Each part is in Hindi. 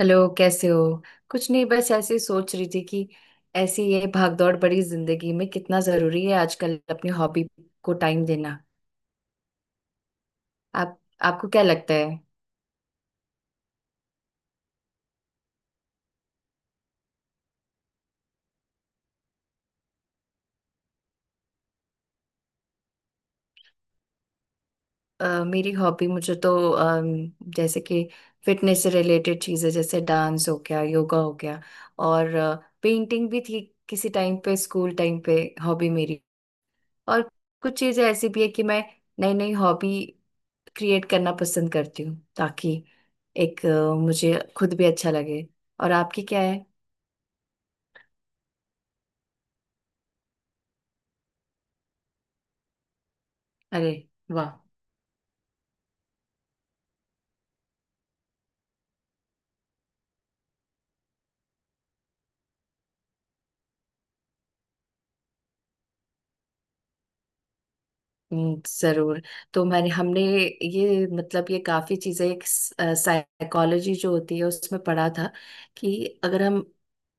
हेलो कैसे हो। कुछ नहीं बस ऐसे ही सोच रही थी कि ऐसी ये भागदौड़ बड़ी जिंदगी में कितना जरूरी है आजकल अपनी हॉबी को टाइम देना। आप आपको क्या लगता है। मेरी हॉबी मुझे तो जैसे कि फिटनेस से रिलेटेड चीजें जैसे डांस हो गया योगा हो गया। और पेंटिंग भी थी किसी टाइम पे स्कूल टाइम पे हॉबी मेरी। और कुछ चीजें ऐसी भी है कि मैं नई नई हॉबी क्रिएट करना पसंद करती हूँ ताकि एक मुझे खुद भी अच्छा लगे। और आपकी क्या है। अरे वाह। जरूर। तो मैंने हमने ये मतलब ये काफी चीजें एक साइकोलॉजी जो होती है उसमें पढ़ा था कि अगर हम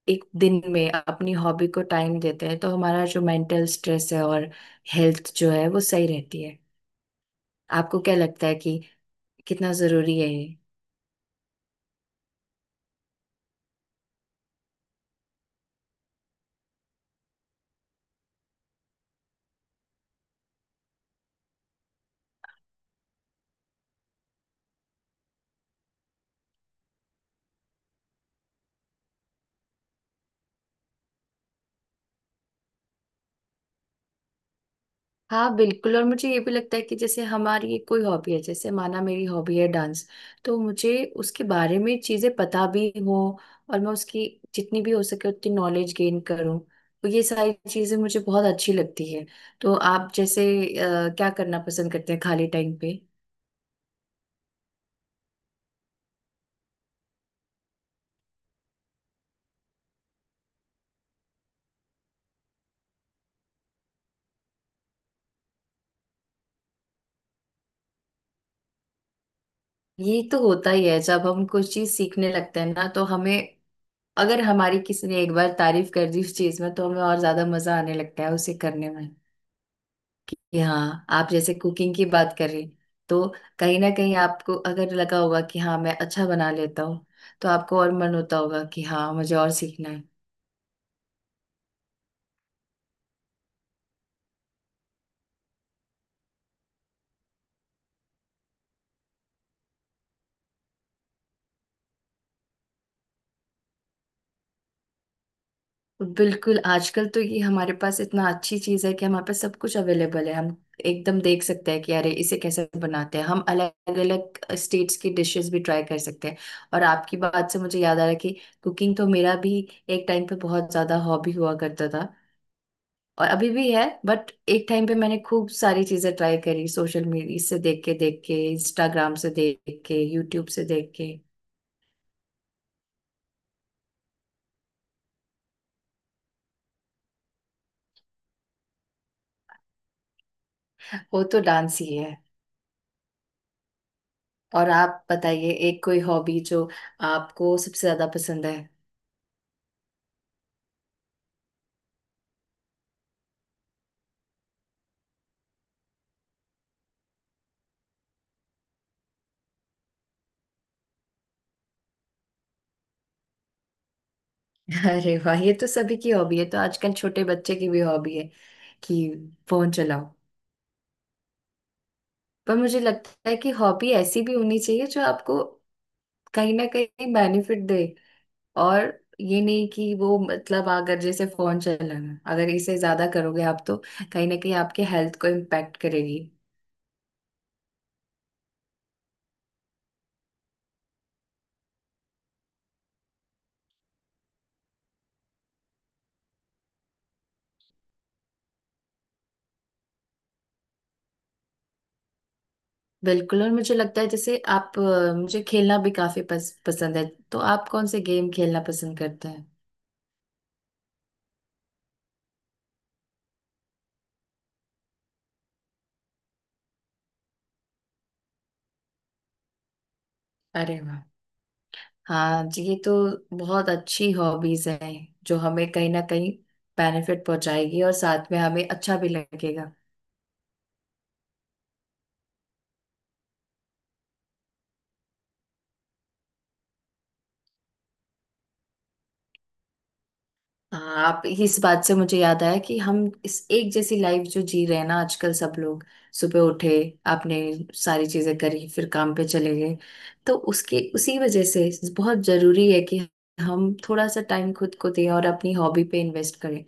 एक दिन में अपनी हॉबी को टाइम देते हैं तो हमारा जो मेंटल स्ट्रेस है और हेल्थ जो है वो सही रहती है। आपको क्या लगता है कि कितना जरूरी है ये। हाँ बिल्कुल, और मुझे ये भी लगता है कि जैसे हमारी ये कोई हॉबी है, जैसे माना मेरी हॉबी है डांस, तो मुझे उसके बारे में चीजें पता भी हो और मैं उसकी जितनी भी हो सके उतनी नॉलेज गेन करूँ। तो ये सारी चीजें मुझे बहुत अच्छी लगती है। तो आप जैसे क्या करना पसंद करते हैं खाली टाइम पे। ये तो होता ही है जब हम कुछ चीज सीखने लगते हैं ना तो हमें अगर हमारी किसी ने एक बार तारीफ कर दी उस चीज में तो हमें और ज्यादा मजा आने लगता है उसे करने में। कि हाँ आप जैसे कुकिंग की बात करें तो कहीं ना कहीं आपको अगर लगा होगा कि हाँ मैं अच्छा बना लेता हूँ, तो आपको और मन होता होगा कि हाँ मुझे और सीखना है। तो बिल्कुल, आजकल तो ये हमारे पास इतना अच्छी चीज़ है कि हमारे पास सब कुछ अवेलेबल है। हम एकदम देख सकते हैं कि अरे इसे कैसे बनाते हैं, हम अलग अलग स्टेट्स की डिशेस भी ट्राई कर सकते हैं। और आपकी बात से मुझे याद आ रहा है कि कुकिंग तो मेरा भी एक टाइम पे बहुत ज़्यादा हॉबी हुआ करता था और अभी भी है, बट एक टाइम पे मैंने खूब सारी चीजें ट्राई करी सोशल मीडिया से देख के इंस्टाग्राम से देख के यूट्यूब से देख के। वो तो डांस ही है। और आप बताइए एक कोई हॉबी जो आपको सबसे ज्यादा पसंद है। अरे वाह, ये तो सभी की हॉबी है, तो आजकल छोटे बच्चे की भी हॉबी है कि फोन चलाओ। पर मुझे लगता है कि हॉबी ऐसी भी होनी चाहिए जो आपको कहीं ना कहीं बेनिफिट दे, और ये नहीं कि वो मतलब अगर जैसे फोन चलाना अगर इसे ज्यादा करोगे आप तो कहीं ना कहीं आपके हेल्थ को इम्पैक्ट करेगी। बिल्कुल। और मुझे लगता है जैसे आप मुझे खेलना भी काफी पसंद है। तो आप कौन से गेम खेलना पसंद करते हैं। अरे वाह, हाँ जी, ये तो बहुत अच्छी हॉबीज हैं जो हमें कहीं ना कहीं बेनिफिट पहुंचाएगी और साथ में हमें अच्छा भी लगेगा। हाँ, आप इस बात से मुझे याद आया कि हम इस एक जैसी लाइफ जो जी रहे हैं ना आजकल सब लोग, सुबह उठे आपने सारी चीजें करी फिर काम पे चले गए, तो उसके उसी वजह से बहुत जरूरी है कि हम थोड़ा सा टाइम खुद को दें और अपनी हॉबी पे इन्वेस्ट करें।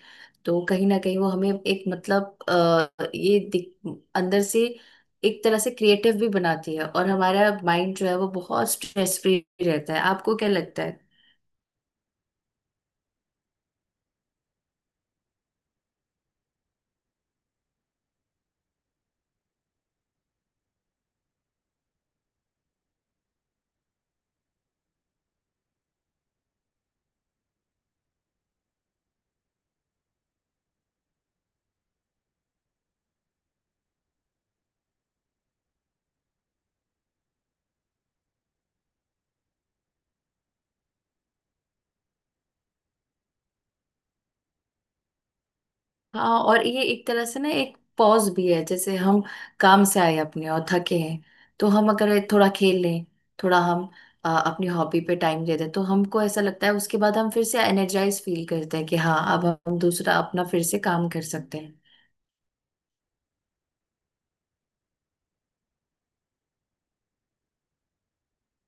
तो कहीं ना कहीं वो हमें एक मतलब अंदर से एक तरह से क्रिएटिव भी बनाती है और हमारा माइंड जो है वो बहुत स्ट्रेस फ्री रहता है। आपको क्या लगता है। हाँ, और ये एक तरह से ना एक पॉज भी है, जैसे हम काम से आए अपने और थके हैं तो हम अगर थोड़ा खेल लें, थोड़ा हम अपनी हॉबी पे टाइम दे दें, तो हमको ऐसा लगता है उसके बाद हम फिर से एनर्जाइज फील करते हैं कि हाँ अब हम दूसरा अपना फिर से काम कर सकते हैं।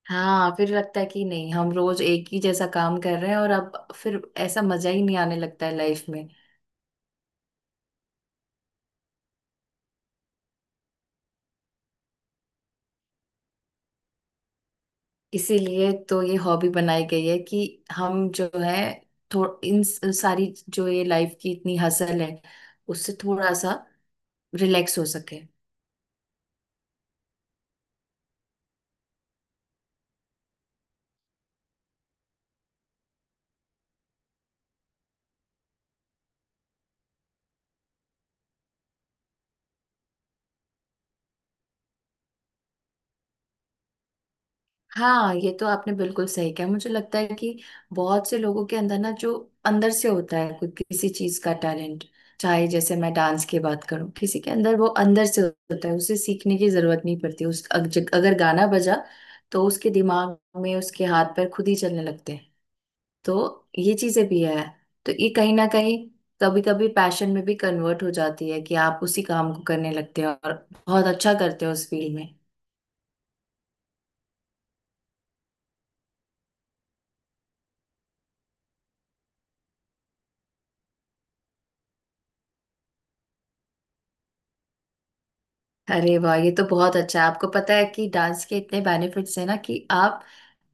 हाँ फिर लगता है कि नहीं हम रोज एक ही जैसा काम कर रहे हैं और अब फिर ऐसा मजा ही नहीं आने लगता है लाइफ में। इसीलिए तो ये हॉबी बनाई गई है कि हम जो है सारी जो ये लाइफ की इतनी हसल है उससे थोड़ा सा रिलैक्स हो सके। हाँ ये तो आपने बिल्कुल सही कहा। मुझे लगता है कि बहुत से लोगों के अंदर ना जो अंदर से होता है कोई किसी चीज का टैलेंट, चाहे जैसे मैं डांस की बात करूं किसी के अंदर वो अंदर से होता है, उसे सीखने की जरूरत नहीं पड़ती। अगर गाना बजा तो उसके दिमाग में उसके हाथ पैर खुद ही चलने लगते हैं। तो ये चीजें भी है। तो ये कहीं ना कहीं कभी कभी पैशन में भी कन्वर्ट हो जाती है कि आप उसी काम को करने लगते हो और बहुत अच्छा करते हो उस फील्ड में। अरे वाह, ये तो बहुत अच्छा है। आपको पता है कि डांस के इतने बेनिफिट्स हैं ना कि आप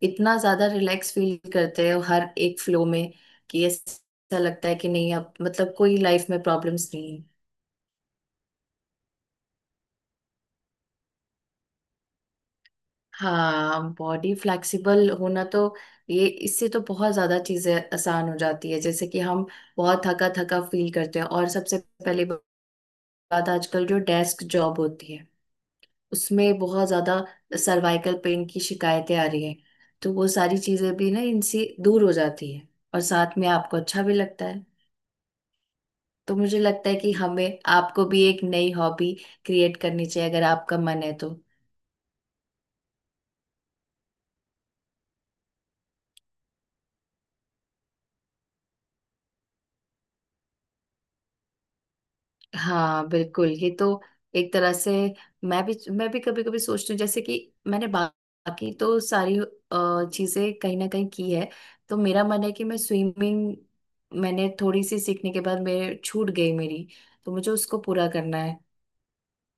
इतना ज्यादा रिलैक्स फील करते हो हर एक फ्लो में कि ऐसा लगता है कि नहीं अब मतलब कोई लाइफ में प्रॉब्लम्स नहीं। हाँ, बॉडी फ्लेक्सिबल होना तो, ये इससे तो बहुत ज्यादा चीजें आसान हो जाती है। जैसे कि हम बहुत थका थका फील करते हैं, और सबसे पहली बात आजकल जो डेस्क जॉब होती है उसमें बहुत ज्यादा सर्वाइकल पेन की शिकायतें आ रही हैं, तो वो सारी चीजें भी ना इनसे दूर हो जाती है और साथ में आपको अच्छा भी लगता है। तो मुझे लगता है कि हमें आपको भी एक नई हॉबी क्रिएट करनी चाहिए अगर आपका मन है तो। हाँ बिल्कुल, ये तो एक तरह से, मैं भी कभी कभी सोचती हूँ जैसे कि बाकी तो सारी चीजें कहीं ना कहीं की है, तो मेरा मन है कि मैं स्विमिंग, मैंने थोड़ी सी सीखने के बाद मेरे छूट गई मेरी, तो मुझे उसको पूरा करना है।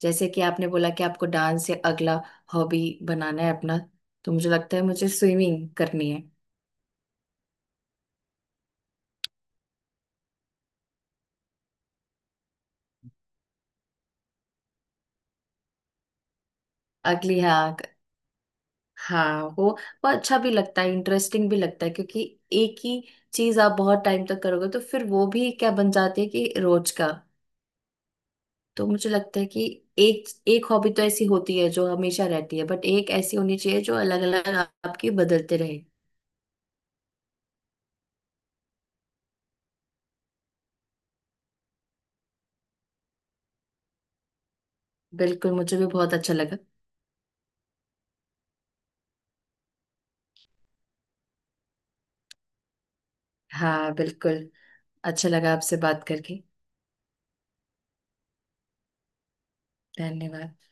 जैसे कि आपने बोला कि आपको डांस या अगला हॉबी बनाना है अपना, तो मुझे लगता है मुझे स्विमिंग करनी है अगली। हाँ, हाँ वो अच्छा भी लगता है इंटरेस्टिंग भी लगता है क्योंकि एक ही चीज आप बहुत टाइम तक करोगे तो फिर वो भी क्या बन जाती है कि रोज का। तो मुझे लगता है कि एक एक हॉबी तो ऐसी होती है जो हमेशा रहती है बट एक ऐसी होनी चाहिए जो अलग अलग आपकी बदलते रहे। बिल्कुल, मुझे भी बहुत अच्छा लगा। हाँ बिल्कुल, अच्छा लगा आपसे बात करके। धन्यवाद।